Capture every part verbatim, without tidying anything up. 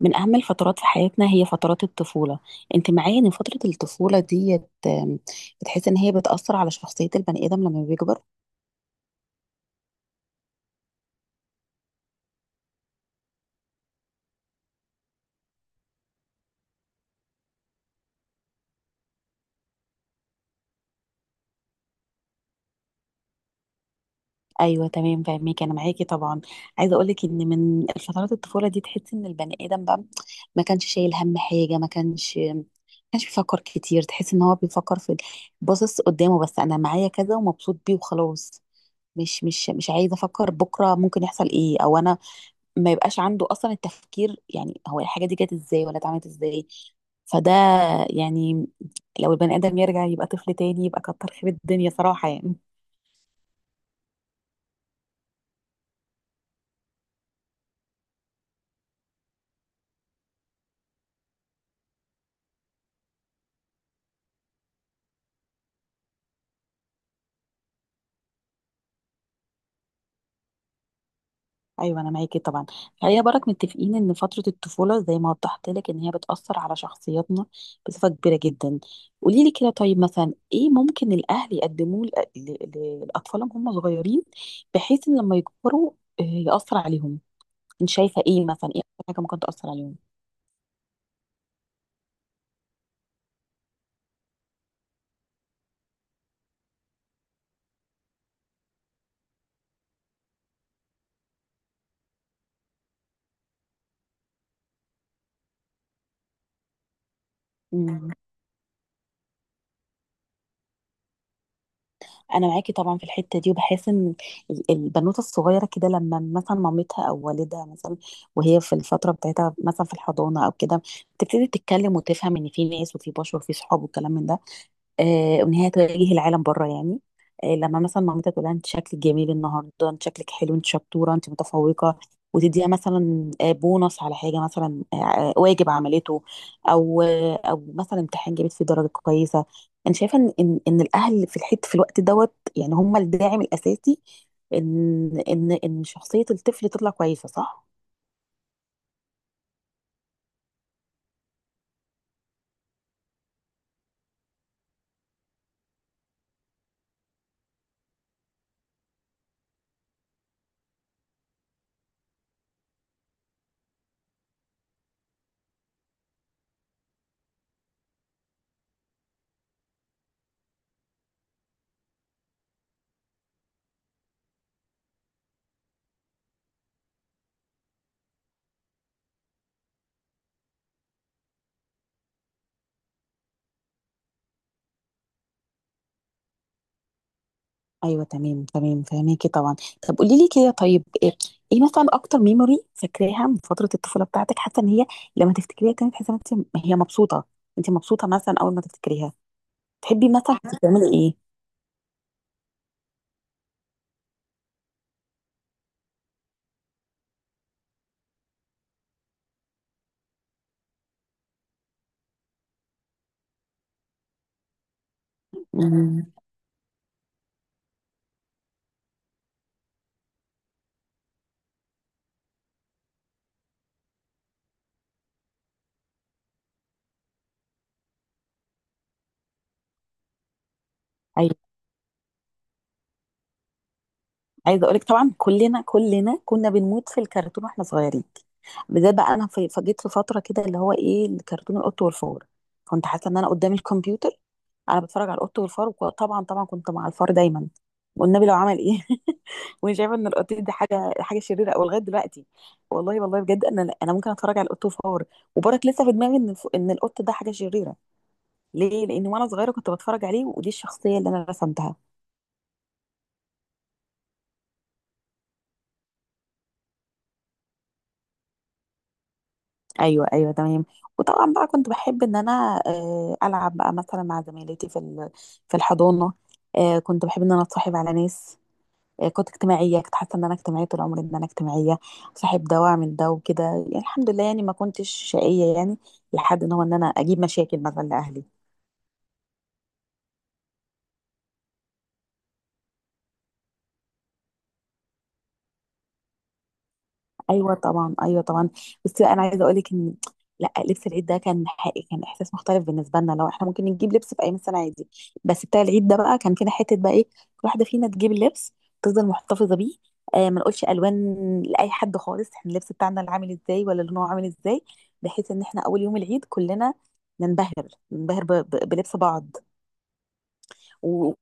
من أهم الفترات في حياتنا هي فترات الطفولة. أنت معايا إن فترة الطفولة ديت، آم، بتحس إن هي بتأثر على شخصية البني آدم لما بيكبر. أيوة تمام، فاهمك، أنا معاكي طبعا. عايزة أقولك إن من فترات الطفولة دي تحس إن البني آدم بقى ما كانش شايل هم حاجة، ما كانش ما كانش بيفكر كتير. تحس إن هو بيفكر في، باصص قدامه، بس أنا معايا كذا ومبسوط بيه وخلاص. مش مش مش عايزة أفكر بكرة ممكن يحصل إيه، أو أنا ما يبقاش عنده اصلا التفكير، يعني هو الحاجه دي جت ازاي ولا اتعملت ازاي. فده يعني لو البني ادم يرجع يبقى طفل تاني يبقى كتر خير الدنيا صراحه يعني. ايوه، انا معاكي طبعا. خلينا برك متفقين ان فتره الطفوله زي ما وضحت لك ان هي بتاثر على شخصياتنا بصفه كبيره جدا. قولي لي كده، طيب مثلا ايه ممكن الاهل يقدموه لأ- ل- لاطفالهم هم صغيرين، بحيث ان لما يكبروا آه، ياثر عليهم. انت شايفه ايه، مثلا ايه أكتر حاجه ممكن تاثر عليهم؟ انا معاكي طبعا في الحته دي، وبحس ان ال- البنوته الصغيره كده، لما مثلا مامتها او والدها مثلا، وهي في الفتره بتاعتها مثلا في الحضانه او كده، بتبتدي تتكلم وتفهم ان في ناس وفي بشر وفي صحاب والكلام من ده. آه، وان هي تواجه العالم بره يعني. آه، لما مثلا مامتها تقول لها انت شكلك جميل النهارده، انت شكلك حلو، انت شطوره، انت متفوقه، وتديها مثلا آه، بونص على حاجه، مثلا آه، آه، واجب عملته، او آه، او مثلا امتحان جابت فيه درجه كويسه. انا شايفه ان ان إن الاهل في الحته في الوقت دوت يعني هم الداعم الاساسي، ان ان ان شخصيه الطفل تطلع كويسه، صح؟ ايوه تمام تمام، فهميكي طبعا. طب قولي لي كده، طيب ايه إيه مثلا اكتر ميموري فاكراها من فتره الطفوله بتاعتك؟ حاسه ان هي لما تفتكريها كانت تحسي ان انت هي مبسوطه؟ انت مبسوطه مثلا اول ما تفتكريها؟ تحبي مثلا كنت بتعملي ايه؟ امم. عايزه اقولك طبعا، كلنا كلنا كنا بنموت في الكرتون واحنا صغيرين. بالذات بقى انا في- فجيت في فتره كده اللي هو ايه، الكرتون القط والفار. كنت حاسه ان انا قدام الكمبيوتر، انا بتفرج على القط والفار، وطبعا طبعا كنت مع الفار دايما، والنبي لو عمل ايه وانا شايفه ان القط دي حاجه حاجه شريره، او لغايه دلوقتي والله والله بجد، انا انا ممكن اتفرج على القط والفار، وبرك لسه في دماغي ان الف- ان القط ده حاجه شريره. ليه؟ لان وانا صغيره كنت بتفرج عليه، ودي الشخصيه اللي انا رسمتها. ايوه ايوه تمام. وطبعا بقى كنت بحب ان انا آه، العب بقى مثلا مع زميلتي في ال- في الحضانه. آه، كنت بحب ان انا اتصاحب على ناس. آه، كنت اجتماعيه، كنت حاسه ان انا اجتماعيه طول عمري، ان انا اجتماعيه، صاحب ده واعمل ده وكده يعني. الحمد لله يعني ما كنتش شقيه يعني، لحد ان هو ان انا اجيب مشاكل مثلا لاهلي. ايوه طبعا، ايوه طبعا. بس بقى انا عايزه اقول لك ان، لا، لبس العيد ده كان حقيقي، كان احساس مختلف بالنسبه لنا. لو احنا ممكن نجيب لبس في ايام السنه عادي، بس بتاع العيد ده بقى كان فينا حته بقى ايه، كل واحده فينا تجيب اللبس تفضل محتفظه بيه. آه ما نقولش الوان لاي حد خالص، احنا اللبس بتاعنا اللي عامل ازاي ولا لونه عامل ازاي، بحيث ان احنا اول يوم العيد كلنا ننبهر، ننبهر ب- ب- بلبس بعض. و...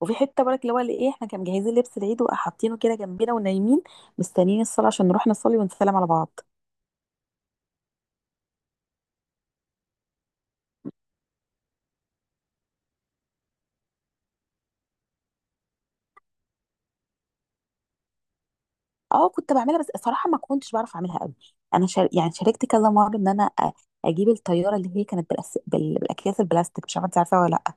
وفي حته برك اللي هو اللي ايه، احنا كان مجهزين لبس العيد وحاطينه كده جنبنا ونايمين مستنيين الصلاه عشان نروح نصلي ونسلم على بعض. اه كنت بعملها، بس صراحه ما كنتش بعرف اعملها قوي. انا شار... يعني شاركت كذا مره ان انا أ- اجيب الطياره اللي هي كانت بالأس... بال... بالاكياس البلاستيك، مش عارفه انت عارفاها ولا لا؟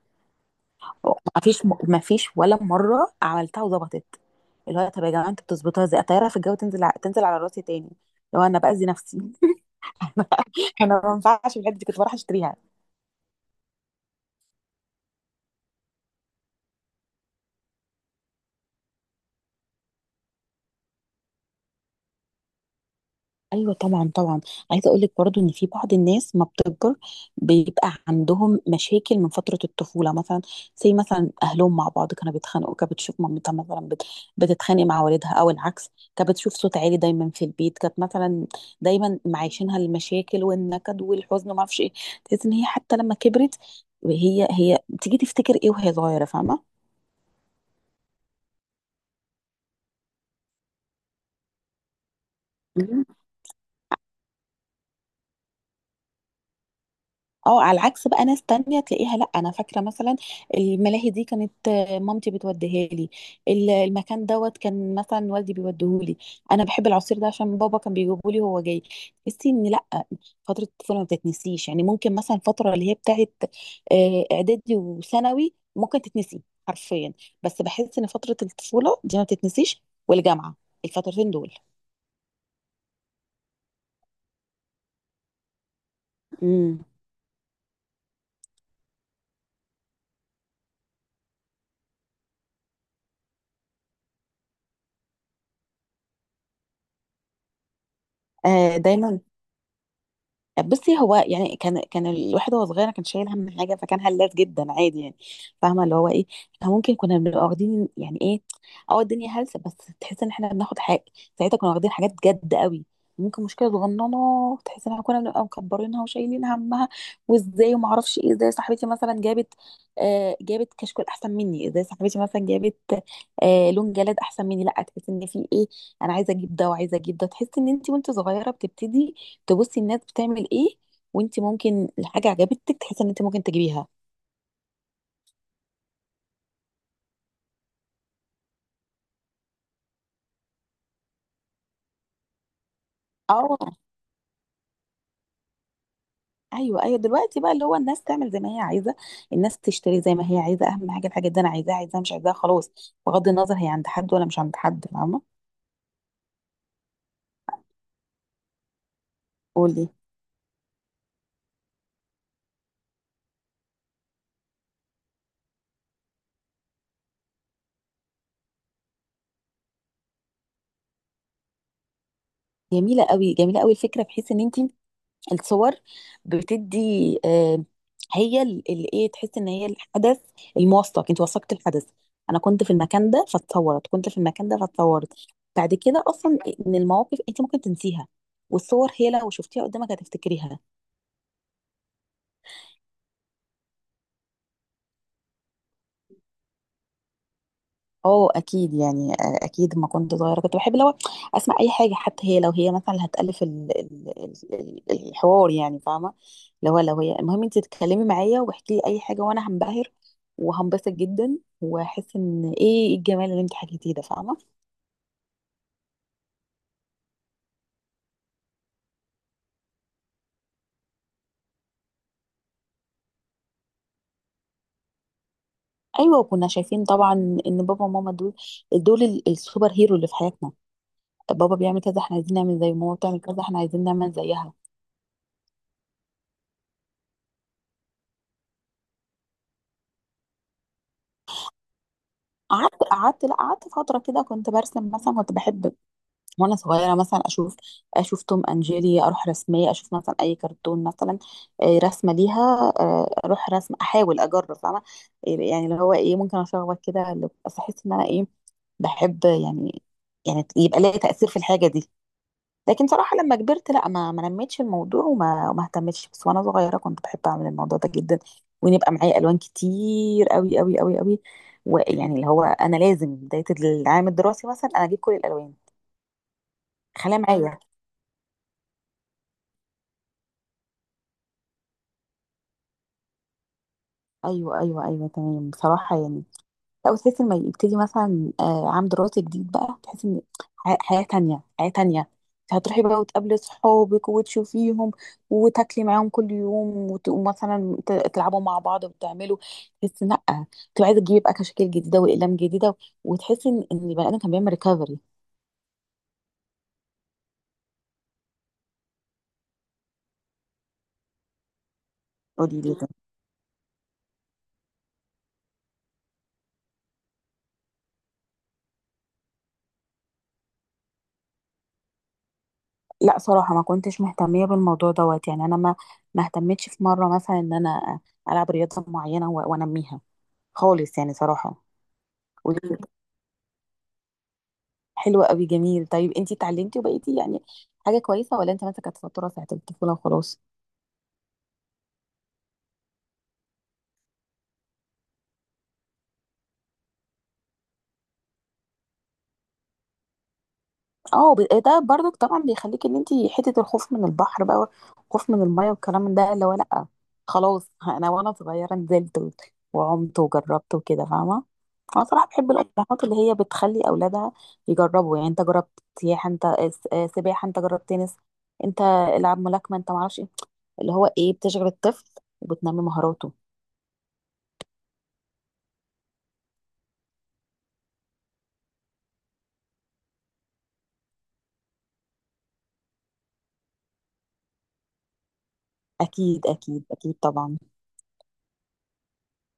ما فيش ما فيش ولا مره عملتها وظبطت. اللي هو طب يا جماعه، انتوا بتظبطوها ازاي الطياره في الجو، تنزل ع... تنزل على راسي تاني لو انا باذي نفسي انا ما ينفعش، في الحته دي كنت بروح اشتريها. ايوه طبعا طبعا. عايزه اقول لك برضو ان في بعض الناس ما بتكبر، بيبقى عندهم مشاكل من فتره الطفوله مثلا. زي مثلا اهلهم مع بعض كانوا بيتخانقوا، كانت بتشوف مامتها مثلا بت- بتتخانق مع والدها او العكس، كانت بتشوف صوت عالي دايما في البيت، كانت مثلا دايما معيشينها المشاكل والنكد والحزن وما اعرفش ايه. تحس ان هي حتى لما كبرت، هي هي بتيجي تفتكر ايه وهي صغيره، فاهمه. اه على العكس بقى، ناس تانية تلاقيها، لا انا فاكره مثلا الملاهي دي كانت آه، مامتي بتوديها لي. ال- المكان دوت كان مثلا والدي بيوديهولي. انا بحب العصير ده عشان بابا كان بيجيبه لي وهو جاي. تحسي ان لا، فتره الطفوله ما بتتنسيش. يعني ممكن مثلا الفتره اللي هي بتاعت آه، اعدادي وثانوي ممكن تتنسي حرفيا، بس بحس ان فتره الطفوله دي ما بتتنسيش، والجامعه، الفترتين دول. امم. آه، دايما. بصي هو يعني كان كان الواحد وهو صغير كان شايل هم حاجه، فكان هلاف جدا عادي يعني، فاهمه اللي هو ايه. احنا ممكن كنا بنبقى واخدين يعني ايه، اه الدنيا هلسه بس، تحس ان احنا بناخد حاجه. ساعتها كنا واخدين حاجات جد قوي، ممكن مشكله صغننه تحس ان احنا كنا بنبقى مكبرينها وشايلين همها، وازاي وما اعرفش ايه. ازاي صاحبتي مثلا جابت آه جابت كشكول احسن مني، ازاي صاحبتي مثلا جابت آه لون جلاد احسن مني، لا تحس ان في ايه، انا عايزه اجيب ده وعايزه اجيب ده. تحس ان انت وانت صغيره بتبتدي تبصي الناس بتعمل ايه، وانت ممكن الحاجه عجبتك تحسي ان انت ممكن تجيبيها. اه، ايوه ايوه، دلوقتي بقى اللي هو الناس تعمل زي ما هي عايزه، الناس تشتري زي ما هي عايزه، اهم حاجه الحاجه دي، انا عايزاها، عايزاها مش عايزاها خلاص، بغض النظر هي عند حد ولا مش عند حد، فاهمه. قولي. جميله قوي، جميله قوي الفكره، بحيث ان انت الصور بتدي، آه، هي اللي ايه، تحس ان هي الحدث الموثق، انت وثقت الحدث، انا كنت في المكان ده فاتصورت، كنت في المكان ده فاتصورت. بعد كده اصلا من المواقف انت ممكن تنسيها، والصور هي لو شفتيها قدامك هتفتكريها. اه اكيد يعني، آه، اكيد ما كنت صغيره كنت بحب لو اسمع اي حاجه، حتى هي لو هي مثلا اللي هتالف ال- ال- ال- ال- الحوار يعني، فاهمه. لو لو هي المهم انت تتكلمي معايا واحكي لي اي حاجه، وانا هنبهر وهنبسط جدا، واحس ان ايه الجمال اللي انت حكيتيه ده، فاهمه. ايوه، وكنا شايفين طبعا ان بابا وماما دول، دول ال- السوبر هيرو اللي في حياتنا. بابا بيعمل كذا احنا عايزين نعمل زيه، ماما بتعمل كذا احنا عايزين نعمل زيها. قعدت قعدت لا قعدت فتره كده كنت برسم، مثلا كنت بحب وانا صغيره مثلا اشوف، اشوف توم اند جيري، اروح رسميه، اشوف مثلا اي كرتون مثلا، آه، رسمه ليها، آه، اروح رسم، احاول اجرب، فاهمه، يعني اللي هو ايه، ممكن اشخبط كده اللي- بس احس ان انا ايه، بحب يعني، يعني يبقى ليا تاثير في الحاجه دي. لكن صراحه لما كبرت لا، ما ما نميتش الموضوع، وما وما اهتمتش، بس وانا صغيره كنت بحب اعمل الموضوع ده جدا، ونبقى معايا الوان كتير قوي قوي قوي قوي. ويعني اللي هو انا لازم بدايه العام الدراسي مثلا انا اجيب كل الالوان، خليها معايا. ايوه ايوه ايوه تمام، بصراحه يعني. لا، وتحس لما يبتدي مثلا آه، عام دراسي جديد بقى، تحس ان ح- حياه تانية، حياه تانية. انت هتروحي بقى وتقابلي صحابك وتشوفيهم، وتاكلي معاهم كل يوم، وت- ومثلا ت- تلعبوا مع بعض وتعملوا، تحس إن لا، تبقى عايزه تجيبي بقى كشاكيل جديده واقلام جديده، وتحس ان ان البني ادم كان بيعمل ريكفري. قولي لي كده. لا صراحه ما كنتش مهتميه بالموضوع دوت يعني، انا ما ما اهتمتش في مره مثلا ان انا العب رياضه معينه و- وانميها خالص يعني صراحه. قولي. حلوة قوي، جميل. طيب انتي اتعلمتي وبقيتي يعني حاجة كويسة، ولا انت مثلا كانت فترة ساعة الطفولة وخلاص؟ اه، ب- ده برضك طبعا بيخليك ان انتي حتة الخوف من البحر بقى والخوف من المية والكلام من ده اللي هو لأ خلاص انا وانا صغيرة نزلت و- وعمت وجربت وكده، فاهمة. انا صراحة بحب الأمهات اللي هي بتخلي أولادها يجربوا، يعني انت جربت سياحة، انت س- آه، سباحة، انت جربت تنس، انت العب ملاكمة، انت معرفش ايه، اللي هو ايه، بتشغل الطفل وبتنمي مهاراته. أكيد أكيد أكيد طبعا.